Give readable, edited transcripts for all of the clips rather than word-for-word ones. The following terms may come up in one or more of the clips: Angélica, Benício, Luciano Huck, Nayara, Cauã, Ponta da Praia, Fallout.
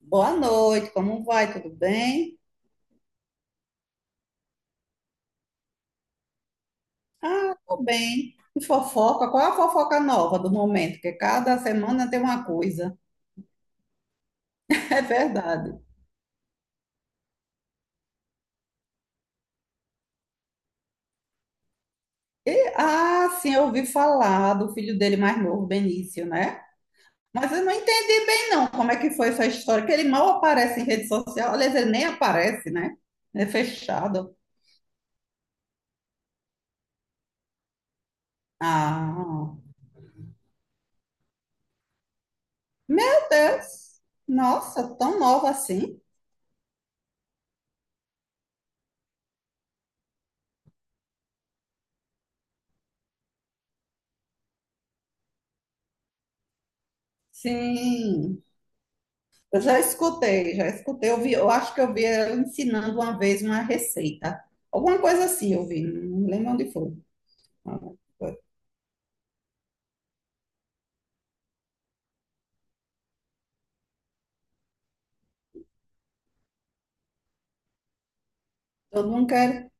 Boa noite, como vai? Tudo bem? Ah, tô bem. E fofoca? Qual é a fofoca nova do momento? Que cada semana tem uma coisa. É verdade. Ah, sim, eu ouvi falar do filho dele mais novo, Benício, né? Mas eu não entendo não como é que foi essa história, que ele mal aparece em rede social. Aliás, ele nem aparece, né? É fechado. Ah, meu Deus! Nossa, tão nova assim? Sim. Eu já escutei, já escutei. Eu vi, eu acho que eu vi ela ensinando uma vez uma receita. Alguma coisa assim eu vi, não lembro onde foi. Todo mundo quer,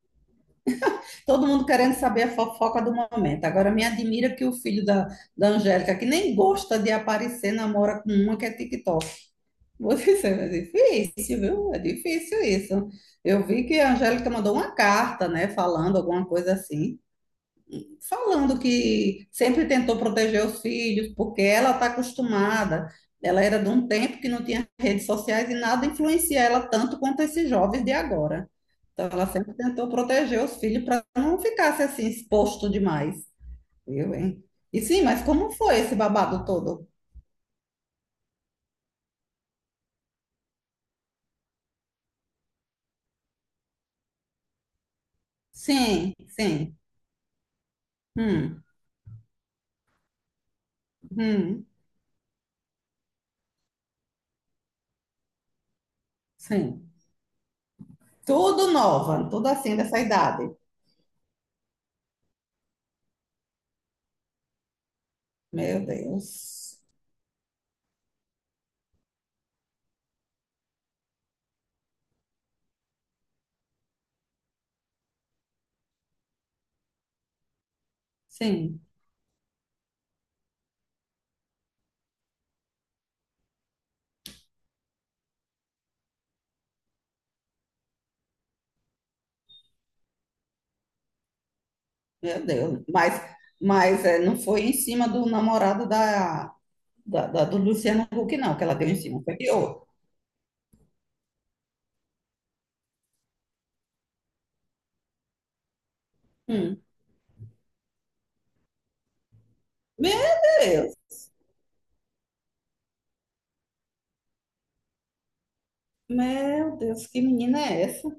todo mundo querendo saber a fofoca do momento. Agora me admira que o filho da Angélica, que nem gosta de aparecer, namora com uma que é TikTok. Vou dizer, é difícil, viu? É difícil isso. Eu vi que a Angélica mandou uma carta, né, falando alguma coisa assim. Falando que sempre tentou proteger os filhos, porque ela está acostumada. Ela era de um tempo que não tinha redes sociais e nada influencia ela tanto quanto esses jovens de agora. Então, ela sempre tentou proteger os filhos para não ficasse assim exposto demais. Viu, hein? E sim, mas como foi esse babado todo? Sim, sim. Hum, hum, sim. Tudo nova, tudo assim dessa idade. Meu Deus. Sim. Meu Deus. Mas é, não foi em cima do namorado do Luciano Huck, não, que ela deu em cima. Foi de outro. Hum. Meu Deus. Meu Deus, que menina é essa?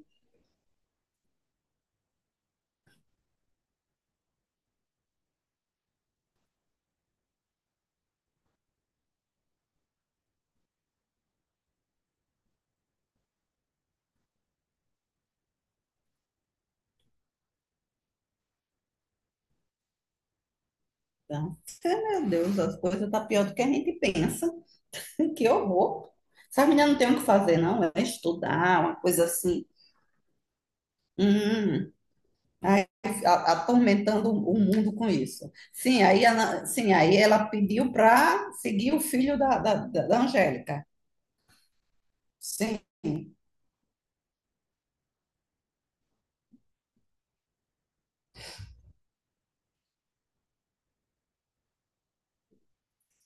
Então, é, meu Deus, as coisas tá pior do que a gente pensa. Que horror. Essa menina não tem o que fazer, não. É estudar, uma coisa assim. Hum. Aí, atormentando o mundo com isso. Sim, aí ela pediu para seguir o filho da Angélica. Sim.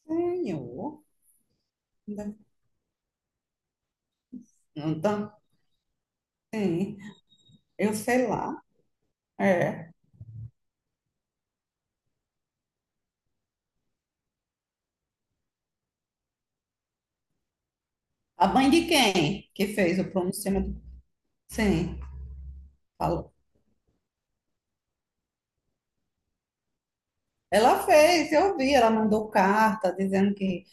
Tenho. Então tem. Eu sei lá. É. A mãe de quem que fez o pronunciamento? Sim, falou. Ela fez, eu vi, ela mandou carta dizendo que.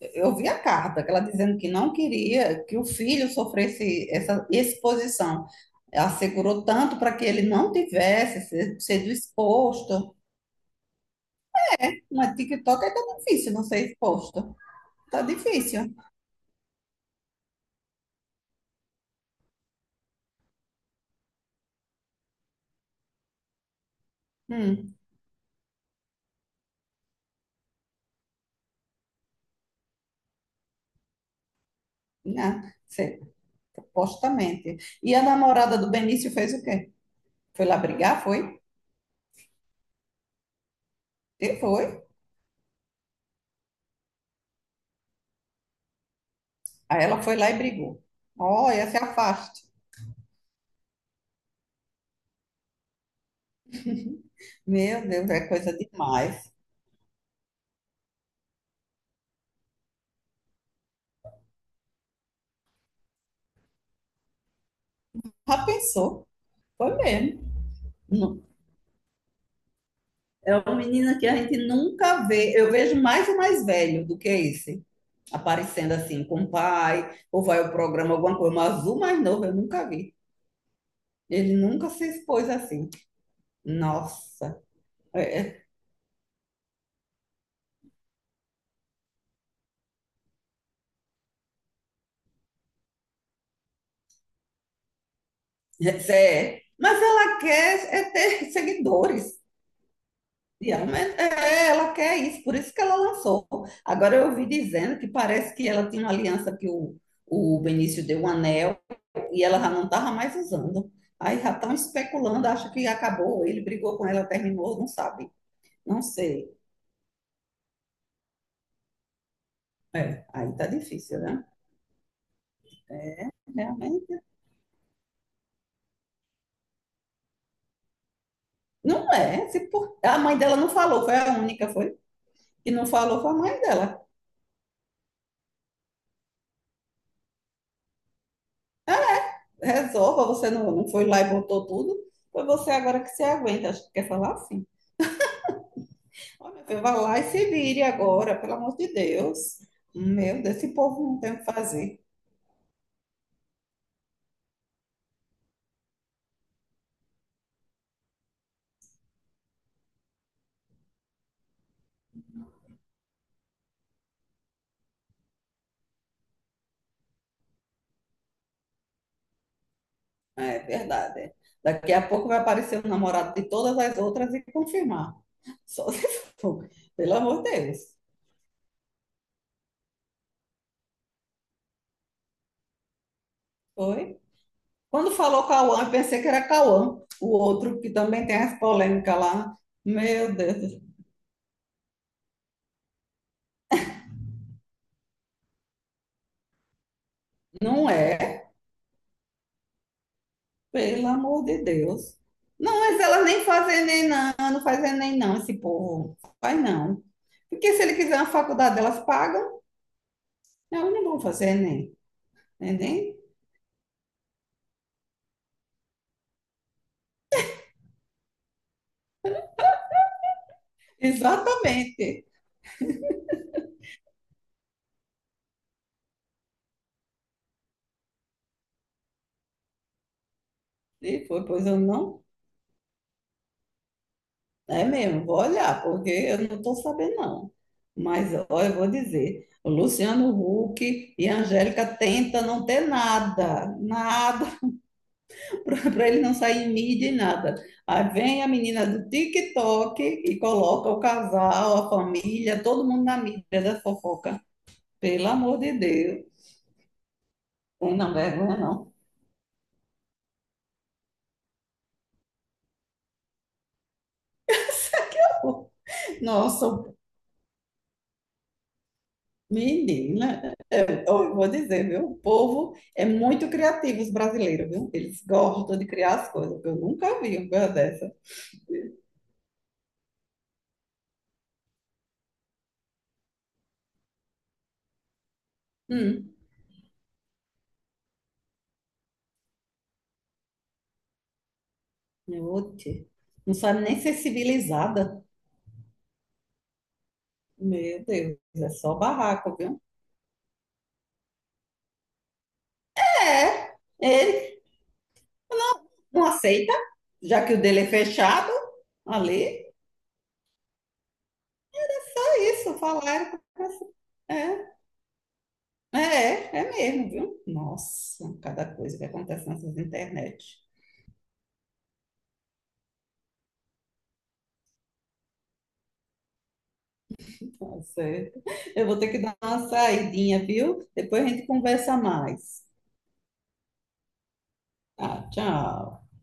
Eu vi a carta, que ela dizendo que não queria que o filho sofresse essa exposição. Ela segurou tanto para que ele não tivesse sido exposto. Mas TikTok é tão difícil não ser exposto. Tá difícil. Hum, né? Supostamente. E a namorada do Benício fez o quê? Foi lá brigar? Foi? E foi. Aí ela foi lá e brigou. Olha, se afaste. Meu Deus, é coisa demais. Já pensou? Foi mesmo. Não. É uma menina que a gente nunca vê. Eu vejo mais o mais velho do que esse. Aparecendo assim com o pai, ou vai ao programa, alguma coisa. Mas azul mais novo eu nunca vi. Ele nunca se expôs assim. Nossa. É, é, é. Mas ela quer é ter seguidores. E ela, mas é, ela quer isso, por isso que ela lançou. Agora eu ouvi dizendo que parece que ela tinha uma aliança que o Benício deu um anel e ela já não estava mais usando. Aí já estão especulando, acho que acabou, ele brigou com ela, terminou, não sabe. Não sei. É. Aí tá difícil, né? Realmente. Não é. Se por- A mãe dela não falou, foi a única, foi. Que não falou foi a mãe dela. Resolva, você não, não foi lá e botou tudo. Foi você agora que se aguenta. Acho que quer falar assim. Ó, meu filho, lá e se vire agora, pelo amor de Deus. Meu Deus, esse povo não tem o que fazer. É verdade. É. Daqui a pouco vai aparecer o namorado de todas as outras e confirmar. Só se for. Pelo amor de Deus. Foi? Quando falou Cauã, eu pensei que era Cauã, o outro que também tem as polêmicas lá. Meu Deus. Não é. Pelo amor de Deus. Não, mas ela nem faz Enem, não, não faz Enem, não, esse povo. Faz não. Porque se ele quiser uma faculdade, elas pagam, elas não vão fazer Enem. Enem? Exatamente. E foi, pois eu não. É mesmo, vou olhar, porque eu não estou sabendo, não. Mas, ó, eu vou dizer, o Luciano Huck e a Angélica tentam não ter nada, nada. Para ele não sair em mídia e nada. Aí vem a menina do TikTok e coloca o casal, a família, todo mundo na mídia da fofoca. Pelo amor de Deus. Tem não vergonha, não. Nossa, menina, eu vou dizer, viu? O povo é muito criativo, os brasileiros, viu? Eles gostam de criar as coisas. Eu nunca vi uma coisa dessa. Hum, oxe. Não sabe nem ser civilizada. Meu Deus, é só barraco, viu? É, ele não aceita, já que o dele é fechado ali. É isso, falaram. É, é, é mesmo, viu? Nossa, cada coisa que acontece nessas internet. Tá certo. Eu vou ter que dar uma saidinha, viu? Depois a gente conversa mais. Tá, tchau.